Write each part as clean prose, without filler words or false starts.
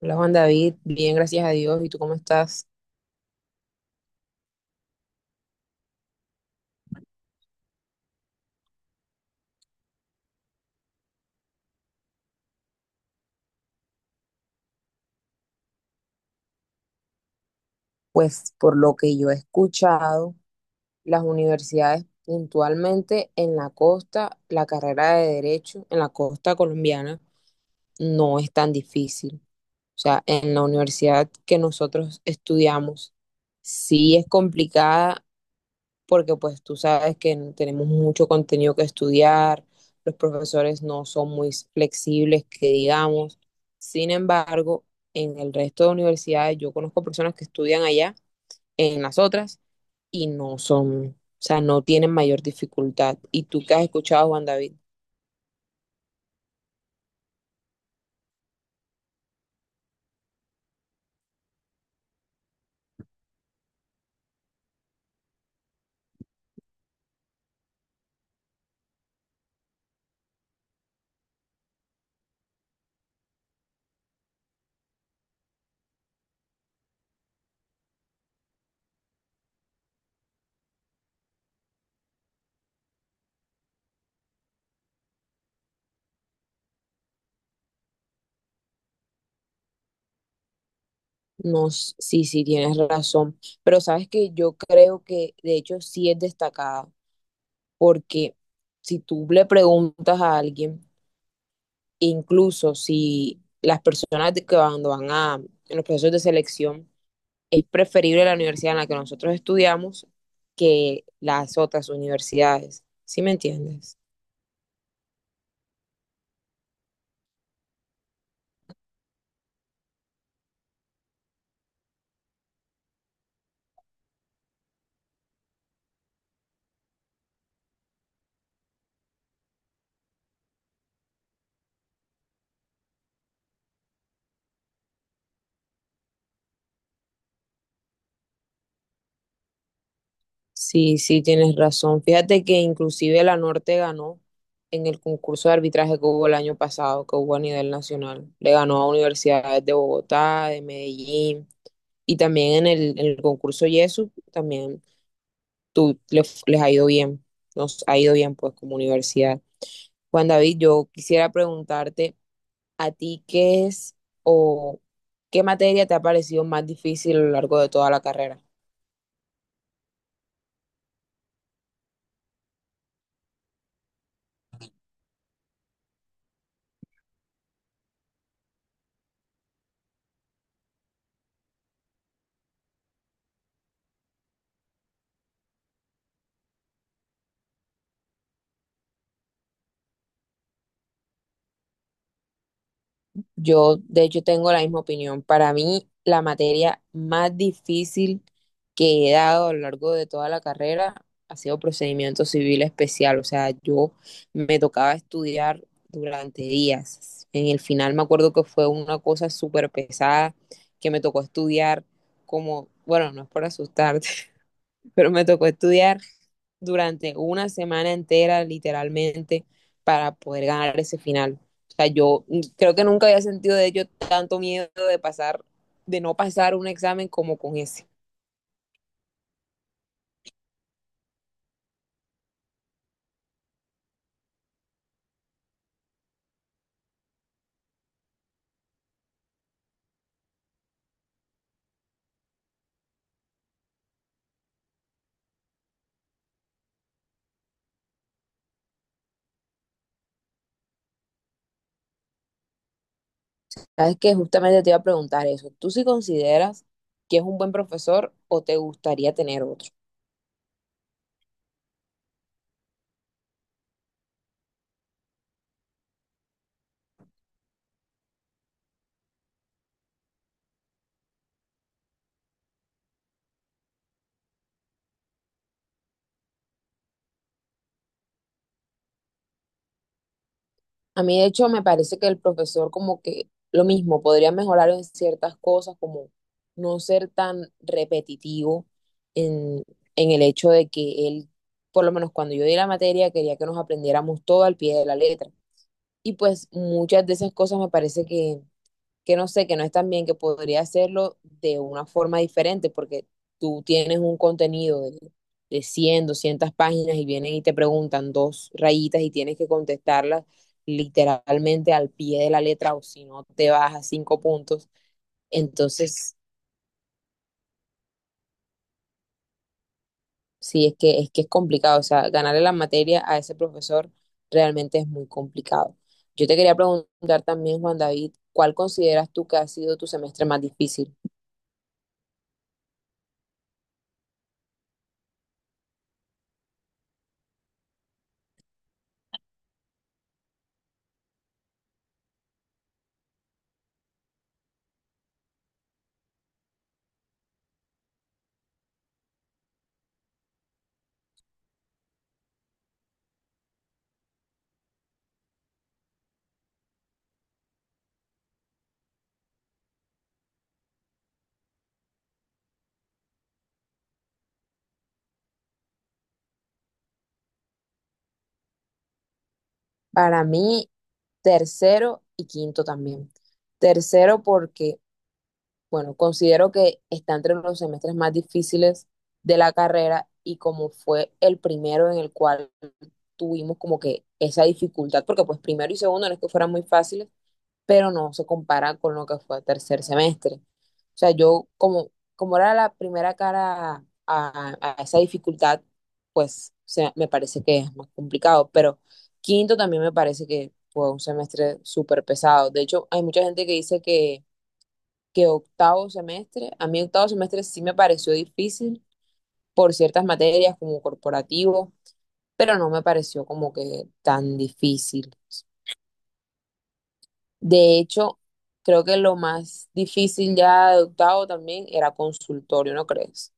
Hola Juan David, bien, gracias a Dios. ¿Y tú cómo estás? Pues por lo que yo he escuchado, las universidades puntualmente en la costa, la carrera de derecho en la costa colombiana no es tan difícil. O sea, en la universidad que nosotros estudiamos, sí es complicada porque pues tú sabes que tenemos mucho contenido que estudiar, los profesores no son muy flexibles, que digamos. Sin embargo, en el resto de universidades yo conozco personas que estudian allá, en las otras, y no son, o sea, no tienen mayor dificultad. ¿Y tú qué has escuchado, Juan David? No, sí, sí, tienes razón, pero sabes que yo creo que de hecho sí es destacada, porque si tú le preguntas a alguien, incluso si las personas que cuando van a en los procesos de selección, es preferible la universidad en la que nosotros estudiamos que las otras universidades. ¿Sí me entiendes? Sí, sí, tienes razón. Fíjate que inclusive la Norte ganó en el concurso de arbitraje que hubo el año pasado, que hubo a nivel nacional. Le ganó a universidades de Bogotá, de Medellín, y también en el concurso YESU, también tú, les ha ido bien, nos ha ido bien pues como universidad. Juan David, yo quisiera preguntarte a ti qué es o qué materia te ha parecido más difícil a lo largo de toda la carrera. Yo, de hecho, tengo la misma opinión. Para mí, la materia más difícil que he dado a lo largo de toda la carrera ha sido procedimiento civil especial. O sea, yo me tocaba estudiar durante días. En el final me acuerdo que fue una cosa súper pesada que me tocó estudiar como, bueno, no es por asustarte, pero me tocó estudiar durante una semana entera, literalmente, para poder ganar ese final. O sea, yo creo que nunca había sentido de ello tanto miedo de pasar, de no pasar un examen como con ese. Sabes que justamente te iba a preguntar eso. ¿Tú sí consideras que es un buen profesor o te gustaría tener otro? A mí, de hecho, me parece que el profesor como que lo mismo, podría mejorar en ciertas cosas, como no ser tan repetitivo en, en el hecho de que él, por lo menos cuando yo di la materia, quería que nos aprendiéramos todo al pie de la letra. Y pues muchas de esas cosas me parece que no sé, que no están bien, que podría hacerlo de una forma diferente, porque tú tienes un contenido de 100, 200 páginas y vienen y te preguntan dos rayitas y tienes que contestarlas literalmente al pie de la letra o si no te vas a cinco puntos. Entonces, sí, es que es complicado, o sea, ganarle la materia a ese profesor realmente es muy complicado. Yo te quería preguntar también, Juan David, ¿cuál consideras tú que ha sido tu semestre más difícil? Para mí, tercero y quinto también. Tercero porque, bueno, considero que está entre los semestres más difíciles de la carrera y como fue el primero en el cual tuvimos como que esa dificultad, porque pues primero y segundo no es que fueran muy fáciles, pero no se compara con lo que fue tercer semestre. O sea, yo como era la primera cara a esa dificultad, pues me parece que es más complicado, pero quinto también me parece que fue un semestre súper pesado. De hecho, hay mucha gente que dice que octavo semestre, a mí octavo semestre sí me pareció difícil por ciertas materias como corporativo, pero no me pareció como que tan difícil. De hecho, creo que lo más difícil ya de octavo también era consultorio, ¿no crees?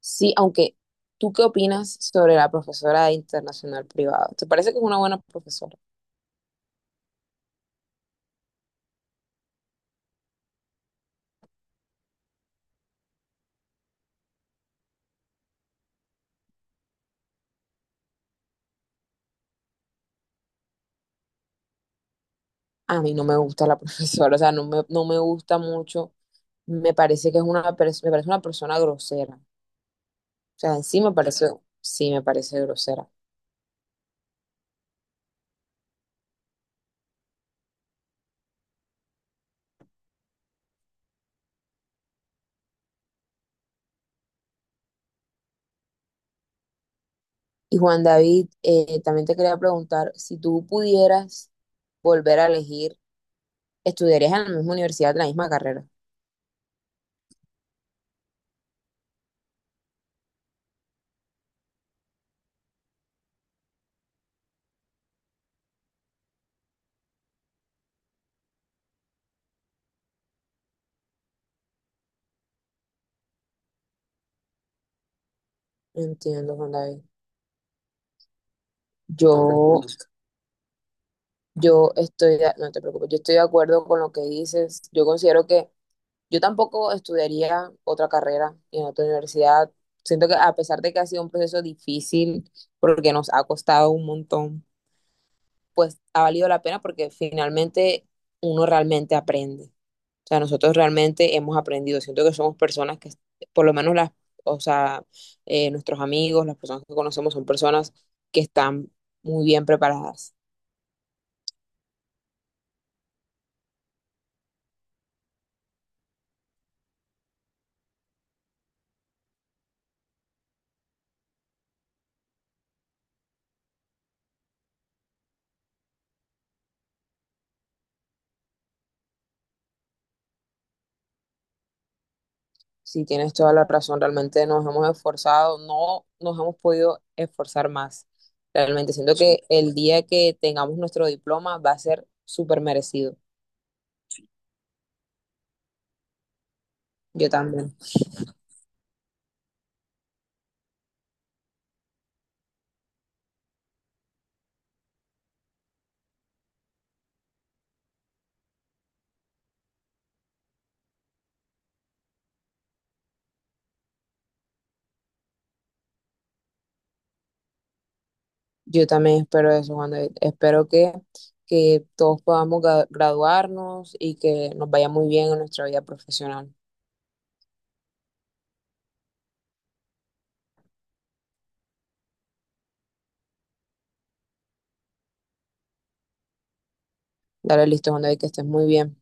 Sí, aunque, ¿tú qué opinas sobre la profesora de internacional privada? ¿Te parece que es una buena profesora? A mí no me gusta la profesora, o sea, no me gusta mucho. Me parece que es me parece una persona grosera. O sea, en sí me parece grosera. Y Juan David, también te quería preguntar, si tú pudieras volver a elegir, ¿estudiarías en la misma universidad, en la misma carrera? Entiendo, Juan David. Yo, no te preocupes, yo estoy de acuerdo con lo que dices. Yo considero que yo tampoco estudiaría otra carrera en otra universidad. Siento que a pesar de que ha sido un proceso difícil, porque nos ha costado un montón, pues ha valido la pena porque finalmente uno realmente aprende. O sea, nosotros realmente hemos aprendido. Siento que somos personas que, por lo menos las, o sea, nuestros amigos, las personas que conocemos son personas que están muy bien preparadas. Sí, tienes toda la razón. Realmente nos hemos esforzado, no nos hemos podido esforzar más. Realmente siento que el día que tengamos nuestro diploma va a ser súper merecido. Yo también. Yo también espero eso, Juan David. Espero que todos podamos graduarnos y que nos vaya muy bien en nuestra vida profesional. Dale listo, Juan David, que estés muy bien.